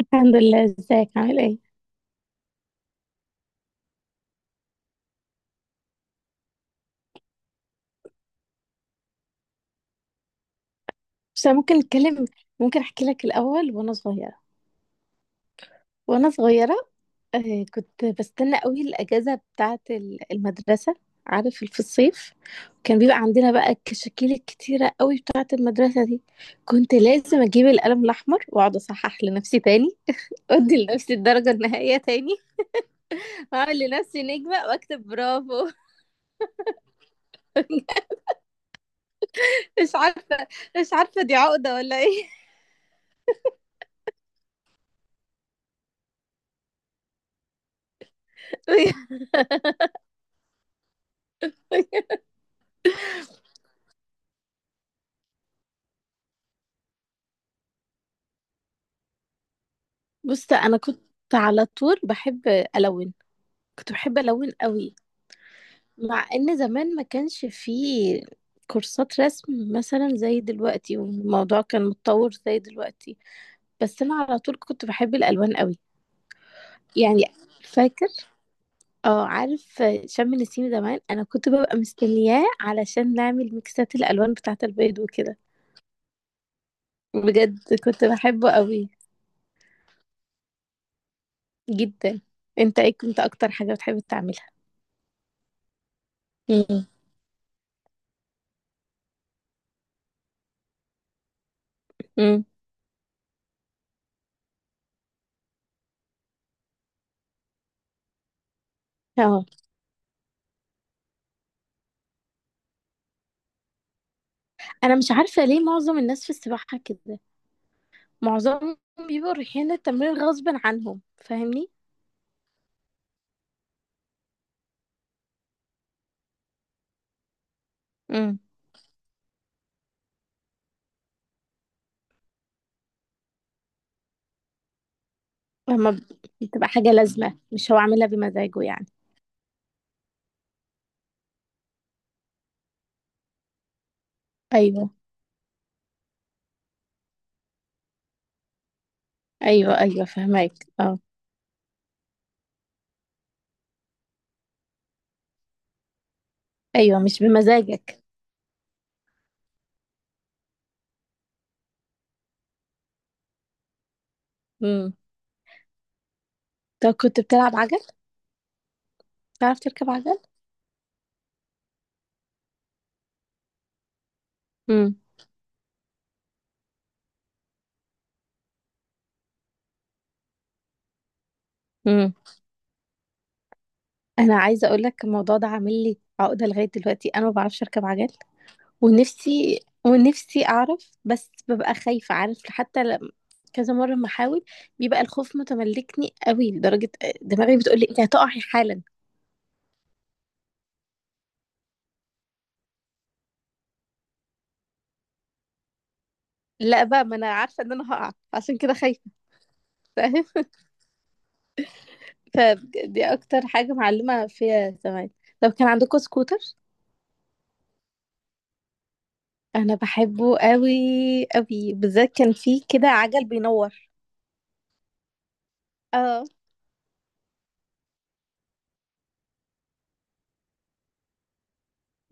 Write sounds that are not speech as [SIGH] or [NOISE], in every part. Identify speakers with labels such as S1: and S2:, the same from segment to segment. S1: الحمد لله، ازيك عامل ايه؟ بس أنا ممكن نتكلم، ممكن احكي لك الاول وانا صغيره. وانا صغيره كنت بستنى قوي الاجازه بتاعه المدرسه، عارف في الصيف. كان بيبقى عندنا بقى الكشاكيل الكتيره قوي بتاعه المدرسه دي. كنت لازم اجيب القلم الاحمر واقعد اصحح لنفسي تاني، ادي لنفسي الدرجه النهائيه تاني، واعمل لنفسي نجمه واكتب برافو. [LAUGHS] مش عارفه، مش عارفه دي عقده ولا ايه. [LAUGHS] بص انا كنت على طول بحب الون، كنت بحب الون قوي. مع ان زمان ما كانش فيه كورسات رسم مثلا زي دلوقتي والموضوع كان متطور زي دلوقتي. بس انا على طول كنت بحب الالوان قوي. يعني فاكر، اه عارف شم النسيم زمان انا كنت ببقى مستنياه علشان نعمل ميكسات الالوان بتاعه البيض وكده. بجد كنت بحبه قوي جدا. انت ايه كنت اكتر حاجه بتحب تعملها؟ امم امم اه انا مش عارفه ليه معظم الناس في السباحه كده، معظمهم بيبقوا رايحين التمرين غصب عنهم، فاهمني؟ امم. لما ب- بتبقى حاجه لازمه، مش هو عاملها بمزاجه يعني. ايوه، ايوه ايوه فهمك. اه ايوه مش بمزاجك. امم. طب كنت بتلعب عجل؟ تعرف تركب عجل؟ امم امم. انا عايزه اقول لك الموضوع ده عامل لي عقده لغايه دلوقتي، انا ما بعرفش اركب عجل. ونفسي، ونفسي اعرف بس ببقى خايفة. عارف حتى لما كذا مرة ما احاول بيبقى الخوف متملكني قوي لدرجة دماغي بتقولي انت هتقعي حالا. لا بقى ما انا عارفة ان انا هقع عشان كده خايفة. فاهم؟ [LAUGHS] فدي اكتر حاجة معلمة فيها زمان. لو كان عندكم سكوتر انا بحبه قوي قوي، بالذات كان فيه كده عجل بينور. اه.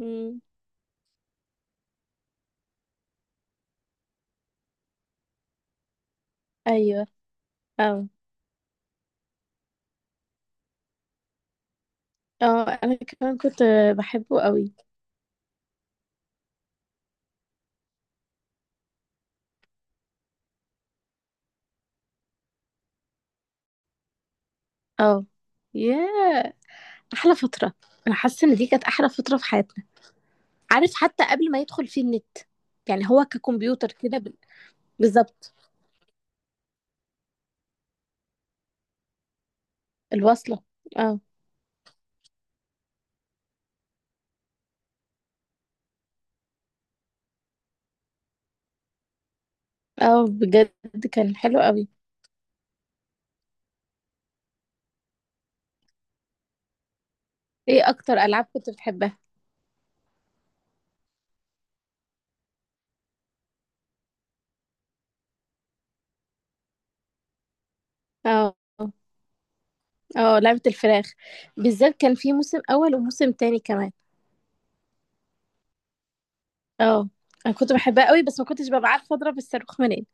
S1: مم. ايوه اه اه انا كمان كنت بحبه قوي. اه ياه، احلى فتره. انا حاسه ان دي كانت احلى فتره في حياتنا. عارف حتى قبل ما يدخل فيه النت، يعني هو ككمبيوتر كده بالظبط الوصله. اه اه بجد كان حلو قوي. ايه اكتر العاب كنت بتحبها؟ اه اه لعبه الفراخ، بالذات كان في موسم اول وموسم تاني كمان. اه انا كنت بحبها قوي بس ما كنتش ببقى عارفه اضرب الصاروخ منين.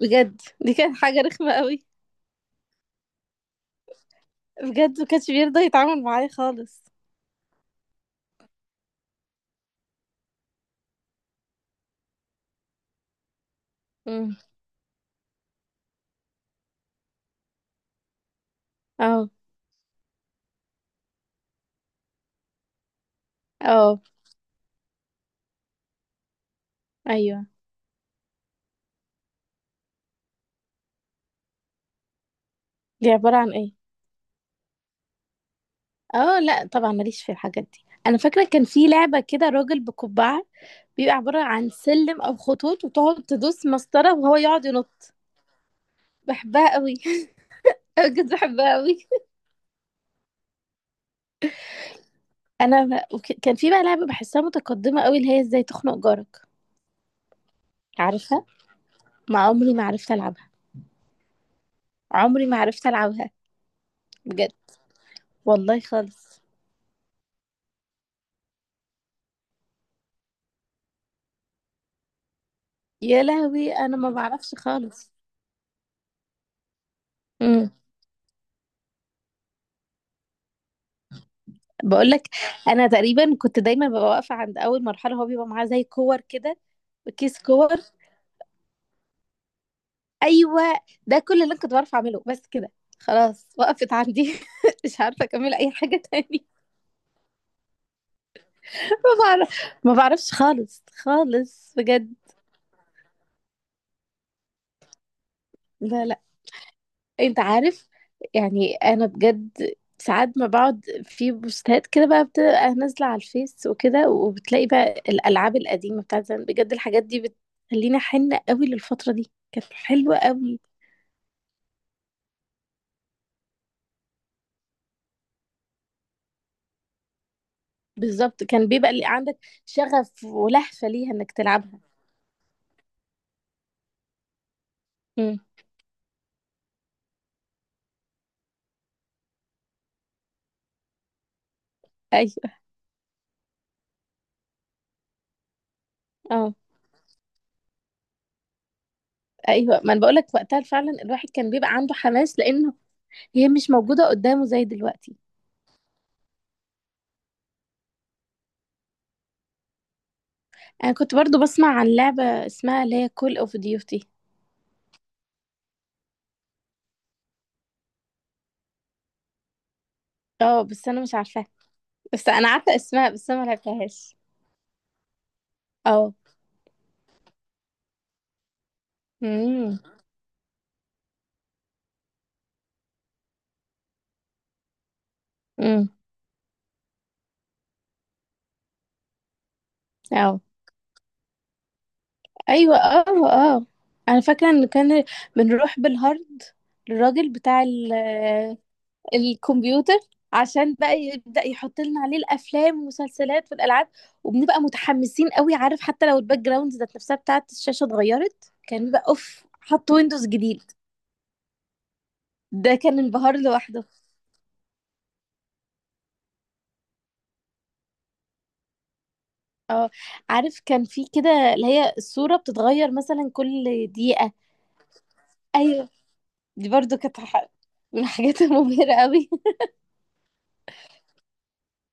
S1: بجد دي كانت حاجه رخمه قوي، بجد ما كانش بيرضى يتعامل معايا خالص. امم اه اه ايوه. دي عباره عن ايه؟ اه لا طبعا ماليش في الحاجات دي. انا فاكره كان في لعبه كده راجل بقبعه، بيبقى عباره عن سلم او خطوط وتقعد تدوس مسطره وهو يقعد ينط. بحبها قوي. [LAUGHS] بجد بحبها قوي. كان في بقى لعبه بحسها متقدمه قوي، اللي هي ازاي تخنق جارك. عارفها. ما عمري ما عرفت العبها، عمري ما عرفت العبها. بجد والله خالص. يا لهوي انا ما بعرفش خالص. امم. بقول لك، انا تقريبا كنت دايما ببقى واقفه عند اول مرحله، هو بيبقى معاه زي كور كده، كيس كور. ايوه. ده كل اللي أنا كنت بعرف اعمله بس كده، خلاص وقفت عندي. [LAUGHS] مش عارفه اكمل اي حاجه تاني. [LAUGHS] ما بعرف، ما بعرفش خالص خالص بجد. لا لا. انت عارف يعني انا بجد ساعات ما بقعد في بوستات كده بقى بتبقى نازله على الفيس وكده وبتلاقي بقى الالعاب القديمه بتاعت زمان، بجد الحاجات دي بتخليني حنه قوي للفتره دي، كانت حلوه قوي. بالظبط كان بيبقى اللي عندك شغف ولهفه ليها انك تلعبها. امم ايوه اه. ايوه ما انا بقول لك وقتها فعلا الواحد كان بيبقى عنده حماس لانه هي مش موجوده قدامه زي دلوقتي. انا كنت برضو بسمع عن لعبه اسمها اللي هي كول اوف ديوتي. اه بس انا مش عارفاها، بس انا عارفه اسمها بس انا ما لعبتهاش. اه. امم. امم اه ايوه اه اه. انا فاكره ان كان بنروح بالهارد للراجل بتاع الكمبيوتر عشان بقى يبدأ يحط لنا عليه الافلام والمسلسلات والالعاب، وبنبقى متحمسين قوي. عارف حتى لو الباك جراوند ذات نفسها بتاعت الشاشة اتغيرت كان بيبقى اوف، حط ويندوز جديد ده كان انبهار لوحده. اه عارف كان في كده اللي هي الصورة بتتغير مثلا كل دقيقة. ايوه دي برضو من الحاجات المبهرة قوي. [LAUGHS]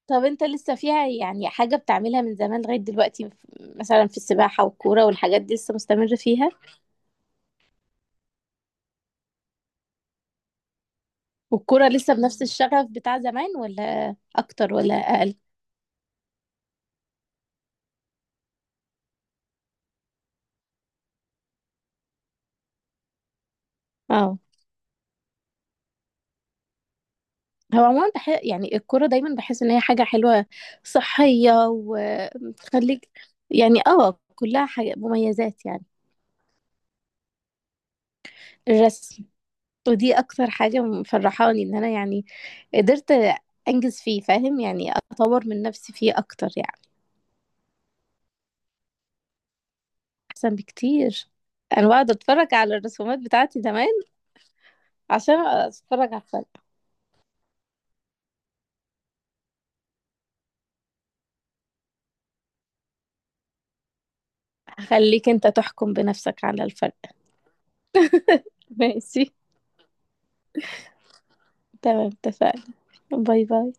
S1: طب انت لسه فيها يعني حاجة بتعملها من زمان لغاية دلوقتي؟ مثلا في السباحة والكورة والحاجات دي لسه مستمر فيها؟ والكرة لسه بنفس الشغف بتاع زمان ولا أكتر ولا أقل؟ اه هو عموما يعني الكرة دايما بحس إن هي حاجة حلوة، صحية وبتخليك، يعني اه كلها حاجة مميزات يعني. الرسم، ودي أكتر حاجة مفرحاني إن أنا يعني قدرت أنجز فيه، فاهم يعني، أطور من نفسي فيه أكتر يعني. أحسن بكتير. أنا بقعد أتفرج على الرسومات بتاعتي زمان عشان أتفرج على الفرق. هخليك أنت تحكم بنفسك على الفرق. [LAUGHS] ماشي. تمام اتفقنا. باي باي.